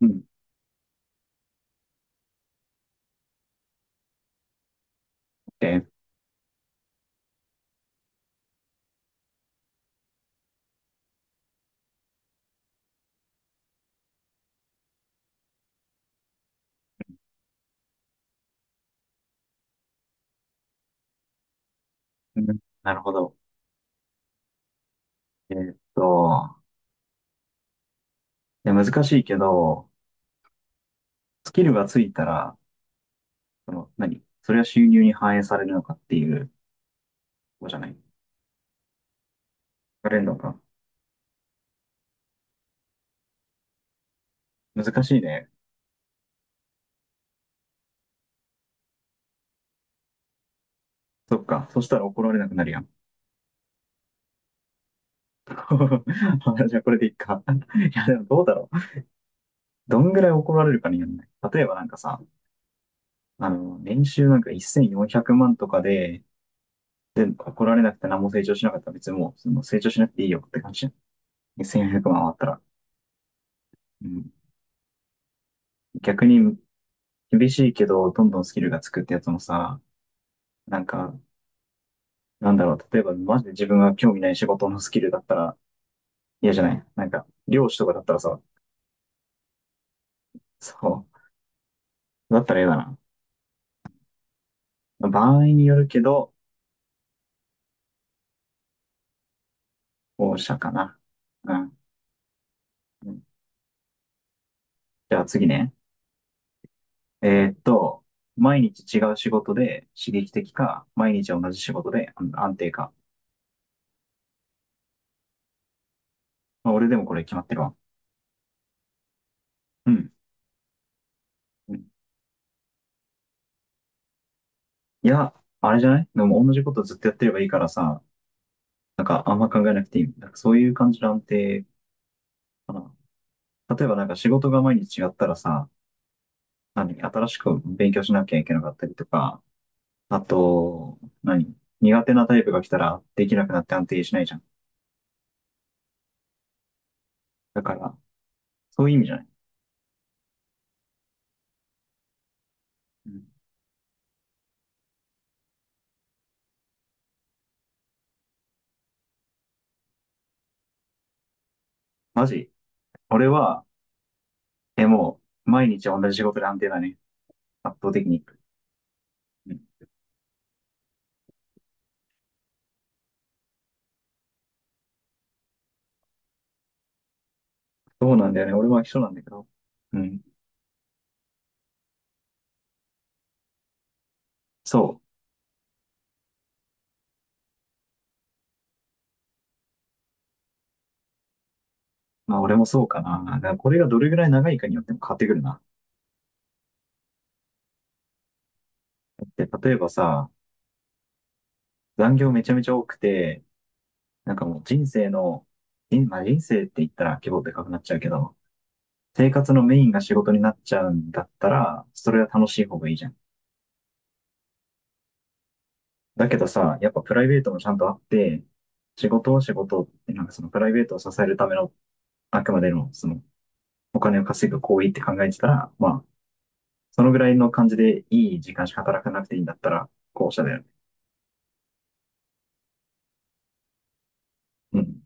うん。で、うん、なるほど。えーっと、いや、難しいけど、スキルがついたら、それは収入に反映されるのかっていうことじゃない？されるのか？難しいね。そっか。そしたら怒られなくなるやん。あ、じゃあこれでいいか。いや、でもどうだろう。どんぐらい怒られるかによらな。例えばなんかさ、年収なんか1400万とかで、で、怒られなくて何も成長しなかったら別にもう、成長しなくていいよって感じじゃん。1400万あったら。うん。逆に厳しいけど、どんどんスキルがつくってやつもさ、なんか、なんだろう、例えばマジで自分が興味ない仕事のスキルだったら嫌じゃない？なんか、漁師とかだったらさ、そう、だったら嫌だな。場合によるけど、後者かな。うん。うん、じゃあ次ね。えーっと、毎日違う仕事で刺激的か、毎日同じ仕事で安定か。まあ、俺でもこれ決まってるわ。うん。うん、いや、あれじゃない？でも同じことずっとやってればいいからさ、なんかあんま考えなくていい。なんかそういう感じの安定。うん。例えばなんか仕事が毎日違ったらさ、新しく勉強しなきゃいけなかったりとか、あと、何、苦手なタイプが来たらできなくなって安定しないじゃん。だから、そういう意味じゃない。うん。マジ、俺は、もう、毎日同じ仕事で安定だね。圧倒的に。うん。そうなんだよね。俺は一緒なんだけど。うん。そう。まあ俺もそうかな。だからこれがどれぐらい長いかによっても変わってくるな。だって例えばさ、残業めちゃめちゃ多くて、なんかもう人生の、まあ、人生って言ったら規模でかくなっちゃうけど、生活のメインが仕事になっちゃうんだったら、それは楽しい方がいいじゃん。だけどさ、やっぱプライベートもちゃんとあって、仕事を仕事って、なんかそのプライベートを支えるための、あくまでのそのお金を稼ぐ行為って考えてたら、まあ、そのぐらいの感じでいい時間しか働かなくていいんだったら、後者だよね。うん。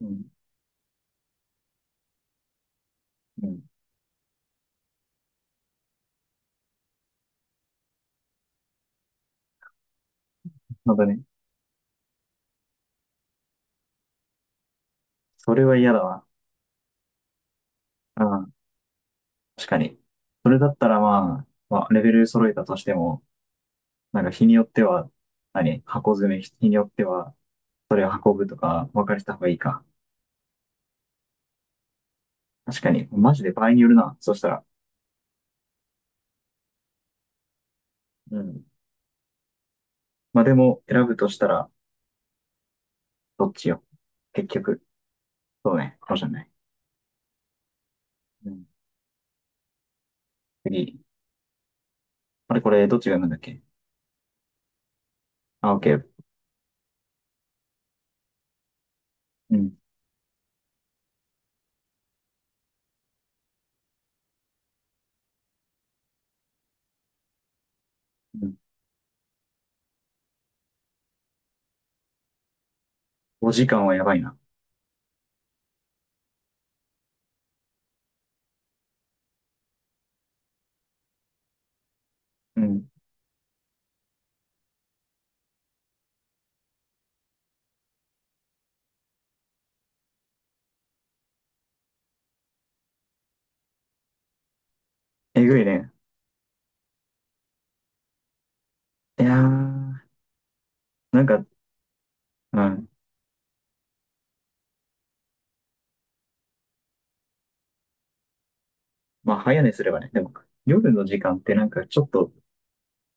うん。うん。まだね。それは嫌だわ。うん。確かに。それだったらまあ、まあ、レベル揃えたとしても、なんか日によっては、箱詰め、日によっては、それを運ぶとか、分かれた方がいいか。確かに、マジで場合によるな。そしたら。うん。まあでも、選ぶとしたら、どっちよ。結局。そうね。かもしれない。うん。次。あれ、これ、どっちが読むんだっけ？あ、オッケー。うん。うん。お時間はやばいな。うん。えぐいね。いやー、なんか、うん。まあ、早寝すればね。でも、夜の時間ってなんかちょっと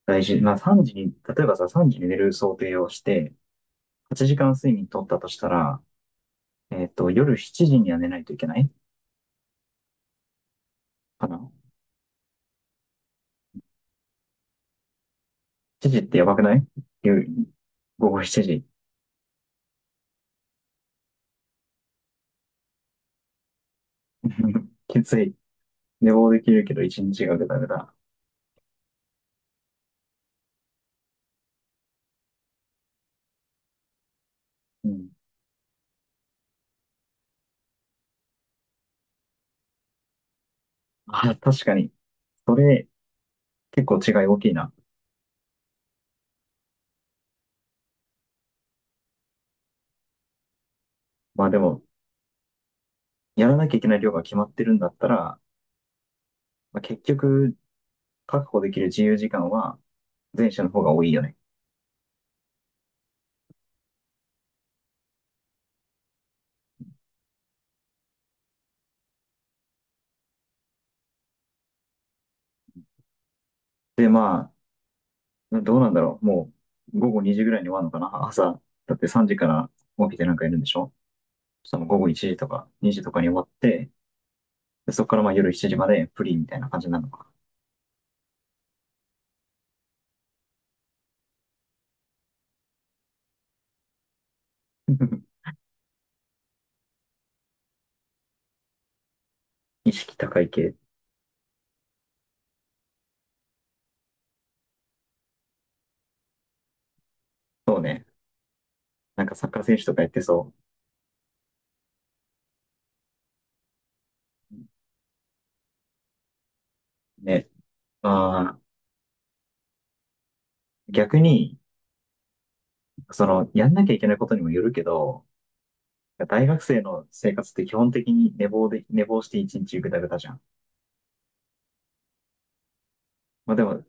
大事。まあ、3時に、例えばさ、3時に寝る想定をして、8時間睡眠取ったとしたら、夜7時には寝ないといけないかな。7時ってやばくない？夜、午後7時。きつい。寝坊できるけど1日がぐだぐだ。うん。あ、確かに。それ、結構違い大きいな。まあでも、やらなきゃいけない量が決まってるんだったら、まあ、結局、確保できる自由時間は前者の方が多いよね。で、まあ、どうなんだろう。もう、午後2時ぐらいに終わるのかな、朝。だって3時から起きてなんかいるんでしょ？午後1時とか2時とかに終わって、で、そこからまあ夜7時までフリーみたいな感じなのか。意識高い系。そうね。なんかサッカー選手とかやってそう。ね。まあ、逆に、やんなきゃいけないことにもよるけど、大学生の生活って基本的に寝坊で、寝坊して一日ぐだぐだじゃん。まあでも、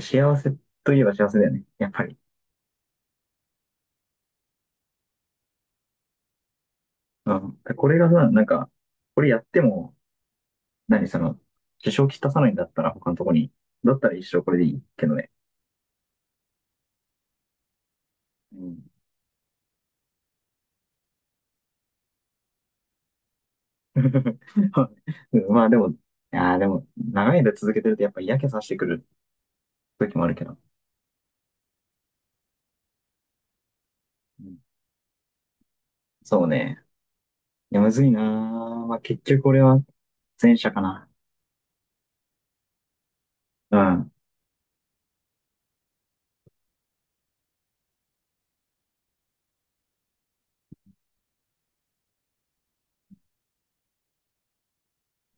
幸せといえば幸せだよね。やっぱり。うん。これがさ、なんか、これやっても、何その、支障をきたさないんだったら他のとこに。だったら一生これでいいけどね。うん。はい。うん、まあでも、いやー、でも、長い間続けてるとやっぱ嫌気さしてくる時もあるけど。うん。そうね。いや、むずいなー。まあ結局俺は前者かな。うん。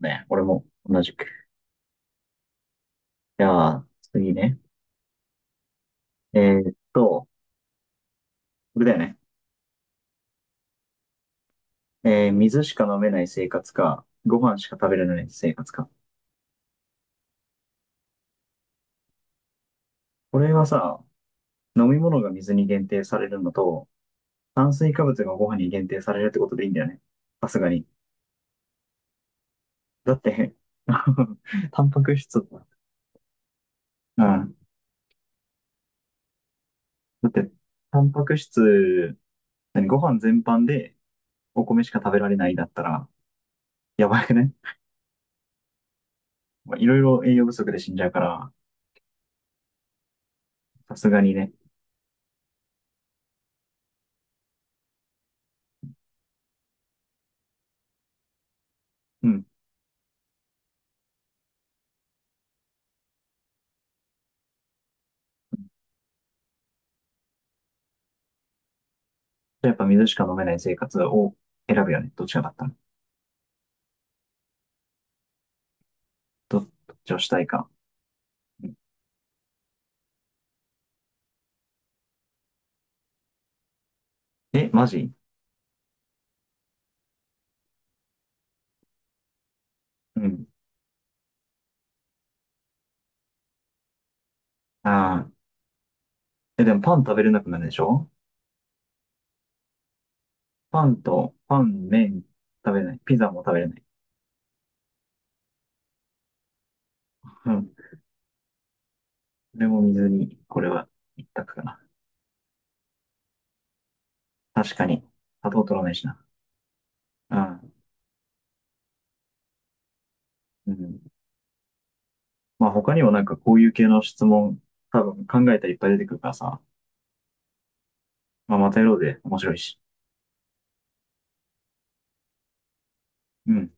ね、俺も同じく。じゃあ、次ね。えーっと、これだよね。水しか飲めない生活か、ご飯しか食べれない生活か。これはさ、飲み物が水に限定されるのと、炭水化物がご飯に限定されるってことでいいんだよね。さすがに。だって、タンパク質、うん。だって、タンパク質、ご飯全般でお米しか食べられないだったら、やばくね。まあいろいろ栄養不足で死んじゃうから、さすがにね。うん。じゃあやっぱ水しか飲めない生活を選ぶよね。どっちがだったら。どっちをしたいか。うん。え、マジ？うん。ああ。え、でもパン食べれなくなるでしょ？パン、麺、食べれない。ピザも食べれない。うん。これも水に、これは一択かな。確かに。砂糖取らないしな。うん。うん。まあ他にもなんかこういう系の質問、多分考えたらいっぱい出てくるからさ。まあまたやろうで面白いし。うん。